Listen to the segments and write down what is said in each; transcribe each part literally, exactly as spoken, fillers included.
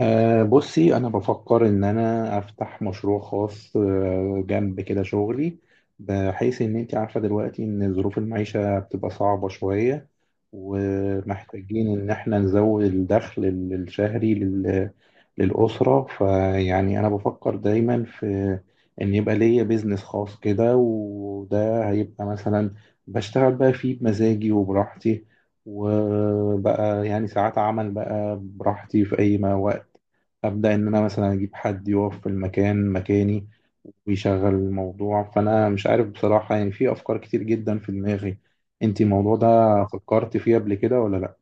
أه بصي، أنا بفكر إن أنا أفتح مشروع خاص آه، جنب كده شغلي، بحيث إن أنت عارفة دلوقتي إن ظروف المعيشة بتبقى صعبة شوية، ومحتاجين إن إحنا نزود الدخل ال- الشهري لل- للأسرة. فيعني أنا بفكر دايما في إن يبقى ليا بيزنس خاص كده، وده هيبقى مثلا بشتغل بقى فيه بمزاجي وبراحتي، وبقى يعني ساعات عمل بقى براحتي في أي ما وقت أبدأ إن أنا مثلا أجيب حد يقف في المكان مكاني ويشغل الموضوع. فأنا مش عارف بصراحة، يعني في أفكار كتير جدا في دماغي. أنت الموضوع ده فكرت فيه قبل كده ولا لأ؟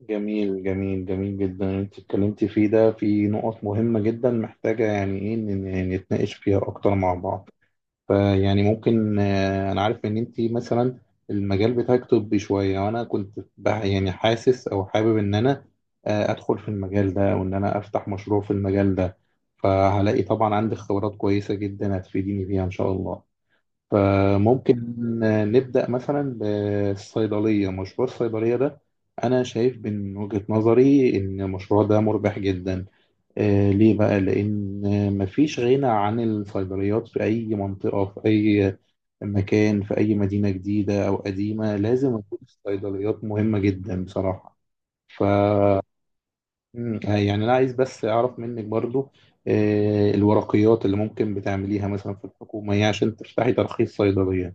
جميل جميل جميل جدا، أنت اتكلمتي فيه ده في نقط مهمة جدا محتاجة يعني إيه إن إن- نتناقش فيها أكتر مع بعض. فيعني ممكن آه، انا عارف ان انت مثلا المجال بتاعك طبي شويه، وانا كنت بح- يعني حاسس او حابب ان انا آه، ادخل في المجال ده، او ان انا افتح مشروع في المجال ده. فهلاقي طبعا عندك خبرات كويسه جدا هتفيديني بيها ان شاء الله. فممكن نبدأ مثلا بالصيدلية، مشروع الصيدلية ده أنا شايف من وجهة نظري إن المشروع ده مربح جدا. آه، ليه بقى؟ لأن مفيش غنى عن الصيدليات في أي منطقة، في أي مكان، في أي مدينة جديدة أو قديمة. لازم يكون الصيدليات مهمة جدا بصراحة. ف مم، آه، يعني أنا عايز بس أعرف منك برضو آه، الورقيات اللي ممكن بتعمليها مثلا في الحكومة يعني عشان تفتحي ترخيص صيدلية.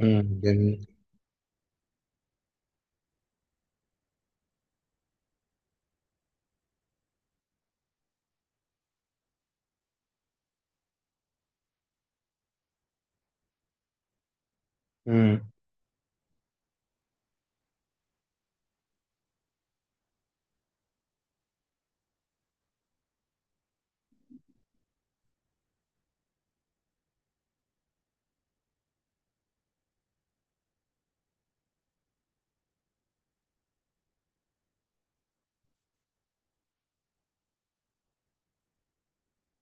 امم، جميل. امم.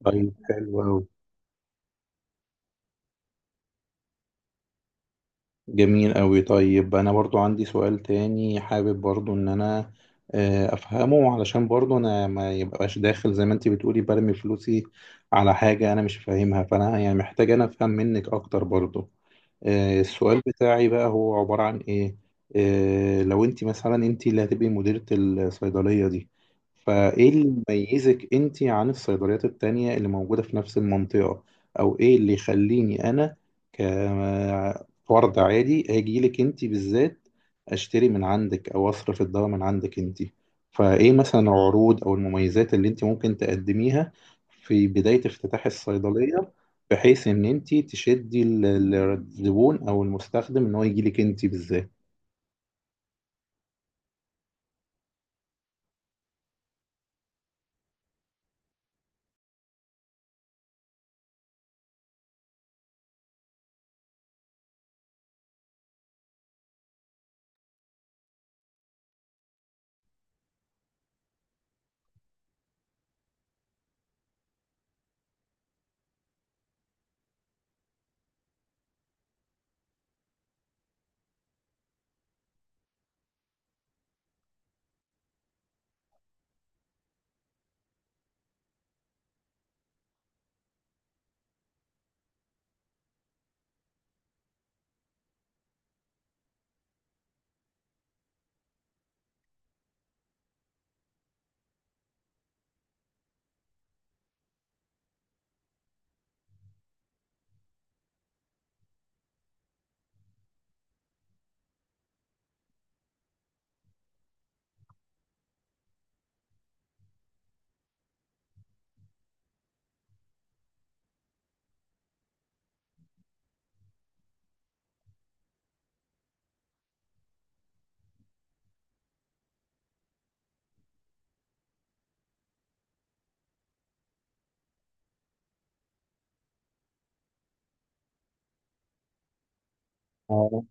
طيب، حلو أوي. جميل أوي. طيب، أنا برضو عندي سؤال تاني، حابب برضو إن أنا آه، أفهمه، علشان برضو أنا ما يبقاش داخل زي ما أنت بتقولي برمي فلوسي على حاجة أنا مش فاهمها. فأنا يعني محتاج أنا أفهم منك أكتر برضو. آه، السؤال بتاعي بقى هو عبارة عن إيه؟ آه، لو أنت مثلا أنت اللي هتبقي مديرة الصيدلية دي، فإيه اللي يميزك أنت عن الصيدليات التانية اللي موجودة في نفس المنطقة؟ أو إيه اللي يخليني أنا ك فرد عادي هاجي لك انت بالذات اشتري من عندك، او اصرف الدواء من عندك انت؟ فايه مثلا العروض او المميزات اللي انت ممكن تقدميها في بداية افتتاح الصيدلية، بحيث ان انت تشدي ال- ال- الزبون او المستخدم ان هو يجي لك انت بالذات؟ اه.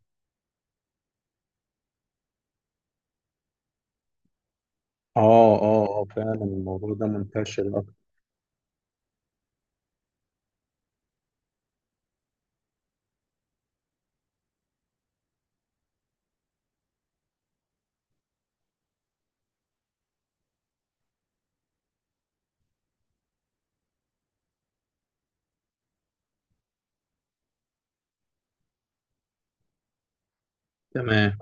اه. اه، آه، فعلا الموضوع ده منتشر اكتر. تمام.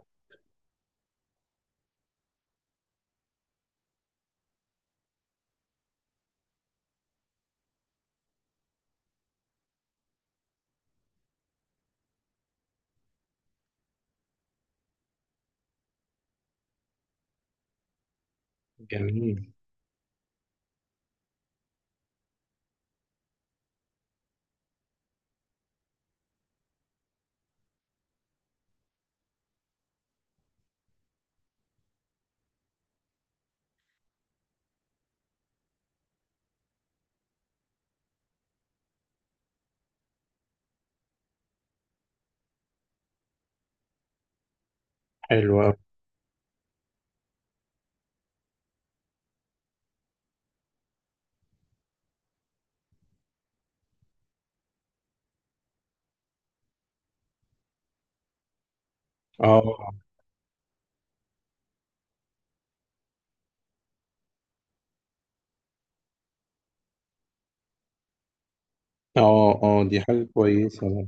جميل. حلو أوي. اه. اه. اه، دي حاجة كويسة.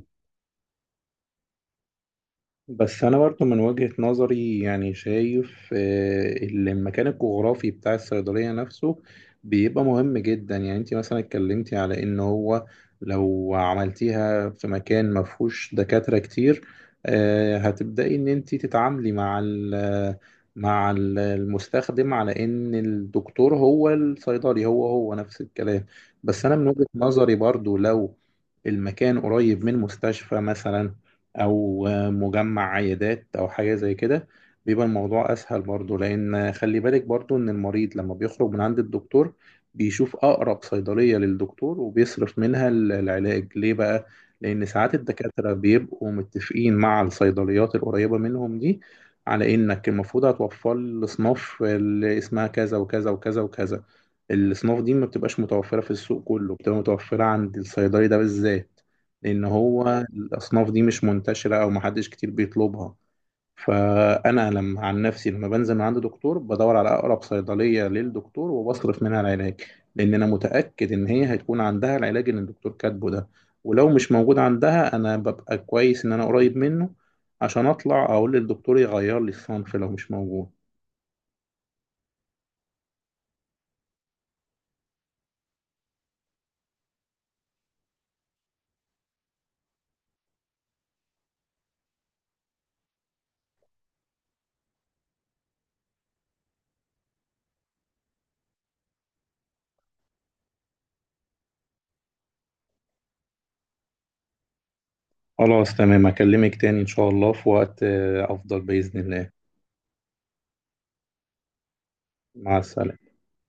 بس أنا برضه من وجهة نظري يعني شايف آه، المكان الجغرافي بتاع الصيدلية نفسه بيبقى مهم جدا. يعني أنت مثلا اتكلمتي على إن هو لو عملتيها في مكان مفهوش دكاترة كتير، آه، هتبدأي إن أنت تتعاملي مع ال مع ال- المستخدم على إن الدكتور هو الصيدلي، هو هو نفس الكلام. بس أنا من وجهة نظري برضه لو المكان قريب من مستشفى مثلا، او مجمع عيادات او حاجه زي كده، بيبقى الموضوع اسهل برضو. لان خلي بالك برضو ان المريض لما بيخرج من عند الدكتور بيشوف اقرب صيدليه للدكتور وبيصرف منها ال- العلاج ليه بقى. لان ساعات الدكاتره بيبقوا متفقين مع الصيدليات القريبه منهم دي على انك المفروض هتوفر لي الاصناف اللي اسمها كذا وكذا وكذا وكذا. الاصناف دي ما بتبقاش متوفره في السوق كله، بتبقى متوفره عند الصيدلي ده بالذات. لان هو الاصناف دي مش منتشره، او محدش كتير بيطلبها. فانا لما عن نفسي لما بنزل من عند دكتور بدور على اقرب صيدليه للدكتور وبصرف منها العلاج، لان انا متاكد ان هي هتكون عندها العلاج اللي الدكتور كاتبه ده. ولو مش موجود عندها، انا ببقى كويس ان انا قريب منه، عشان اطلع اقول للدكتور يغير لي الصنف لو مش موجود. خلاص تمام، اكلمك تاني ان شاء الله في وقت آه، افضل باذن الله. مع السلامه.